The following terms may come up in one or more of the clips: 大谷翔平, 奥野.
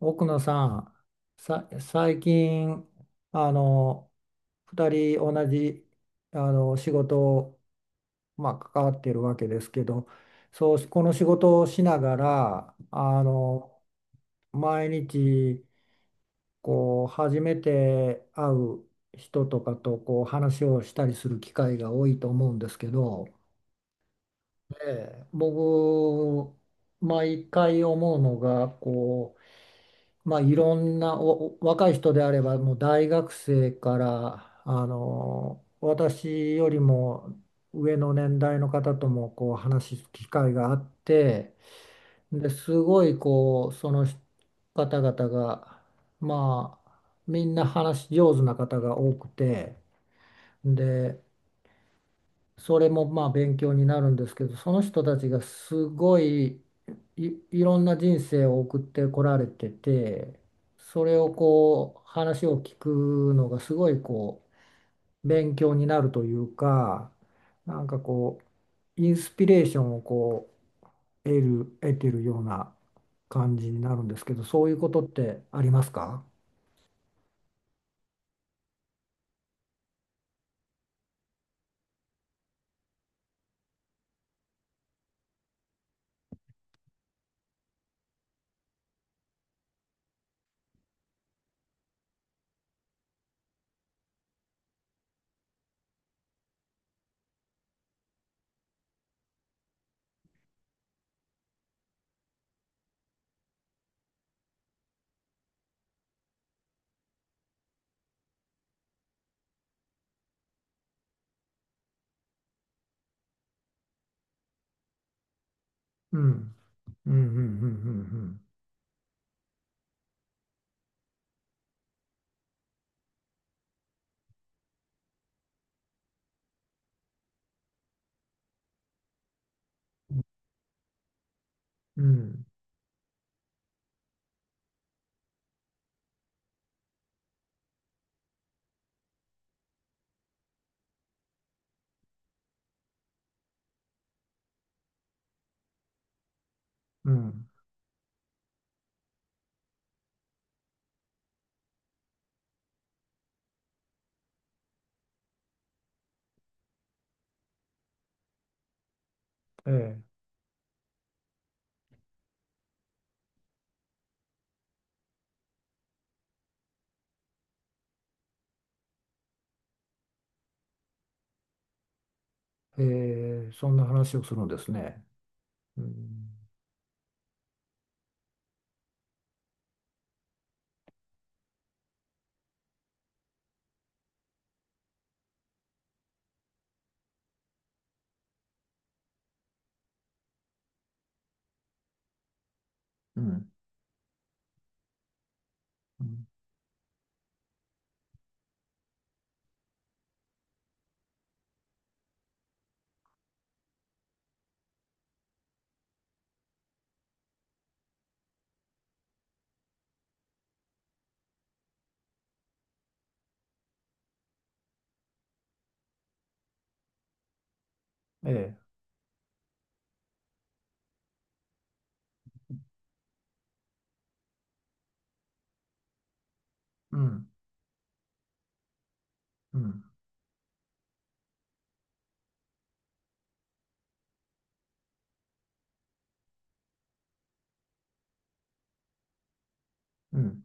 奥野さん、最近、あの、二人同じ、仕事を、関わっているわけですけど、そう、この仕事をしながら、毎日、こう、初めて会う人とかと、こう、話をしたりする機会が多いと思うんですけど、え僕、毎回思うのが、こう、まあ、いろんな若い人であればもう大学生から私よりも上の年代の方ともこう話す機会があって、ですごいこうその方々がまあみんな話し上手な方が多くて、でそれもまあ勉強になるんですけど、その人たちがすごい、いろんな人生を送ってこられてて、それをこう話を聞くのがすごいこう勉強になるというか、なんかこうインスピレーションをこう得てるような感じになるんですけど、そういうことってありますか？うん、うんうんうんうんうんうんうん。ええええ、そんな話をするんですね。うん、うん、うん。ええ、うん、うん、うん。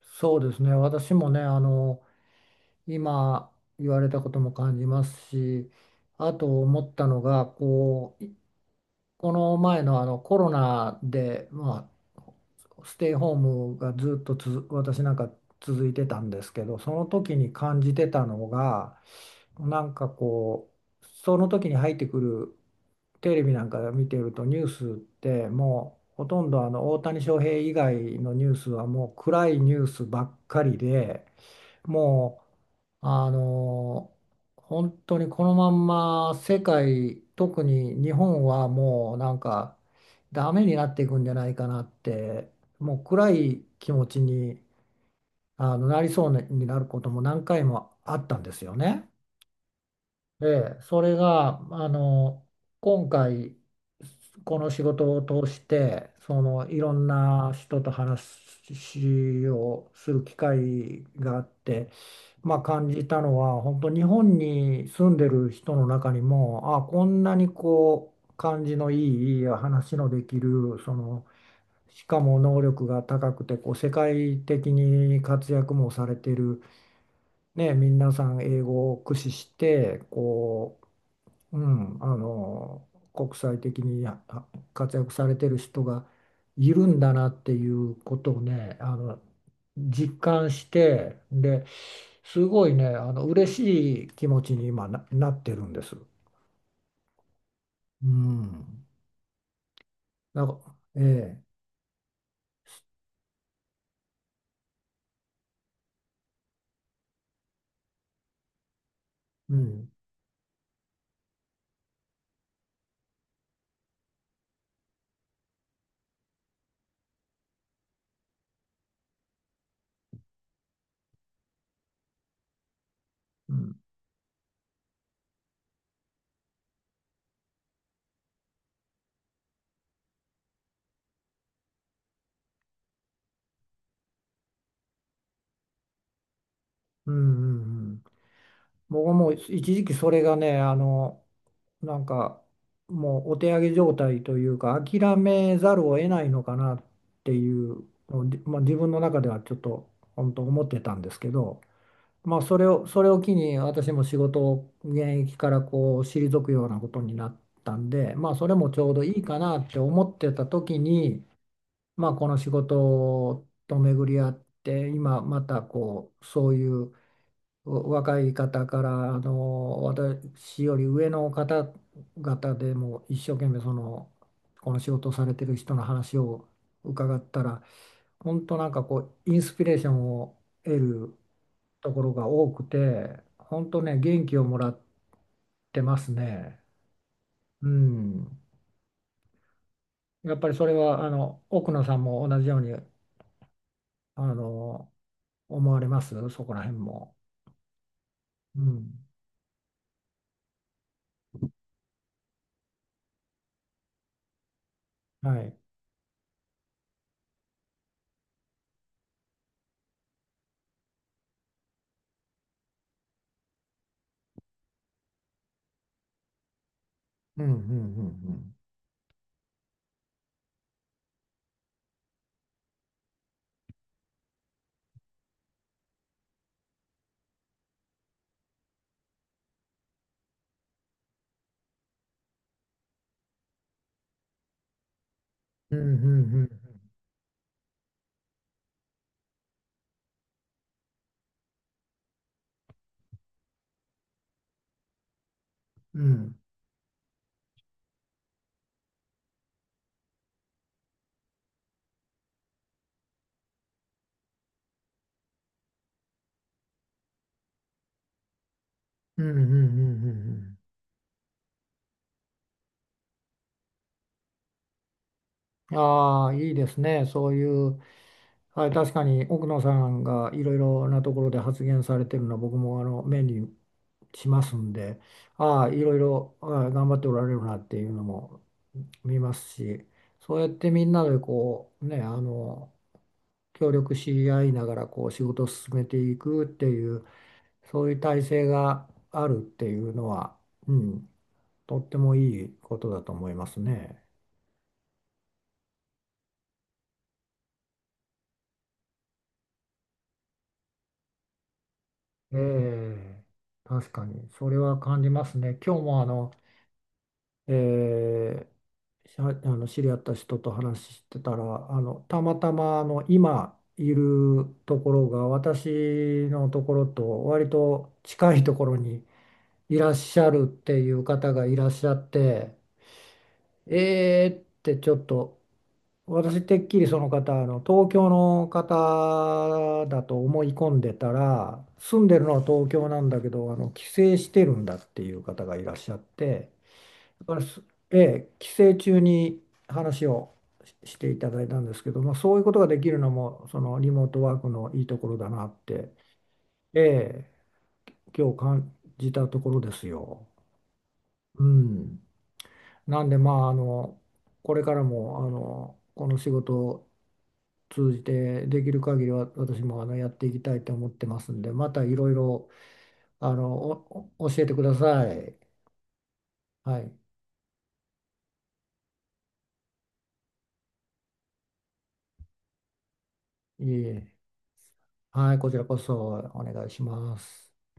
そうですね。私もね、あの、今言われたことも感じますし、あと思ったのが、こう、この前のあのコロナで、まあ、ステイホームがずっとつづ私なんか続いてたんですけど、その時に感じてたのが、なんかこう、その時に入ってくるテレビなんか見てると、ニュースってもうほとんどあの大谷翔平以外のニュースはもう暗いニュースばっかりで、もうあの本当にこのまんま世界、特に日本はもうなんかダメになっていくんじゃないかなって、もう暗い気持ちにあのなりそうになることも何回もあったんですよね。で、それが、あの、今回、この仕事を通して、その、いろんな人と話をする機会があって、まあ、感じたのは、本当、日本に住んでる人の中にも、あ、こんなにこう、感じのいい、話のできる、その、しかも能力が高くて、こう、世界的に活躍もされてる、ね、皆さん英語を駆使してこうん、あの国際的に活躍されてる人がいるんだなっていうことをね、あの実感して、ですごいねあの嬉しい気持ちに今なってるんです。うん、なんかええうんうんうんうんうん。僕はもう一時期それがねあのなんかもうお手上げ状態というか諦めざるを得ないのかなっていうのを、まあ、自分の中ではちょっと本当思ってたんですけど、まあ、それを機に私も仕事を現役からこう退くようなことになったんで、まあ、それもちょうどいいかなって思ってた時に、まあ、この仕事と巡り合って今またこうそういう若い方からあの私より上の方々でも一生懸命そのこの仕事をされてる人の話を伺ったら、本当なんかこうインスピレーションを得るところが多くて、本当ね元気をもらってますね。うん、やっぱりそれはあの奥野さんも同じようにあの思われますそこら辺も？うん、はい。うんうんうんうん。うん、うん、うん、うん、うん、うん、うんうんうん。ああー、いいですね。そういう、はい、確かに奥野さんがいろいろなところで発言されてるのは僕もあの目にしますんで、ああ、いろいろああ頑張っておられるなっていうのも見ますし、そうやってみんなでこう、ね、あの、協力し合いながらこう仕事を進めていくっていうそういう体制があるっていうのは、うんとってもいいことだと思いますね。ええ、確かに、それは感じますね。今日もあの、ええ、あの知り合った人と話してたら、あの、たまたまあの今いるところが私のところと割と近いところにいらっしゃるっていう方がいらっしゃって、えーってちょっと、私てっきりその方、あの東京の方だと思い込んでたら、住んでるのは東京なんだけど、あの帰省してるんだっていう方がいらっしゃって、だからすええ、帰省中に話をしていただいたんですけど、まあ、そういうことができるのも、そのリモートワークのいいところだなって、ええ、今日感じたところですよ。うん、なんで、まあ、あの、これからも、あの、この仕事を通じてできる限りは私もあのやっていきたいと思ってますんで、またいろいろ、あの、教えてください。はい。いえいえ。はい、こちらこそお願いします。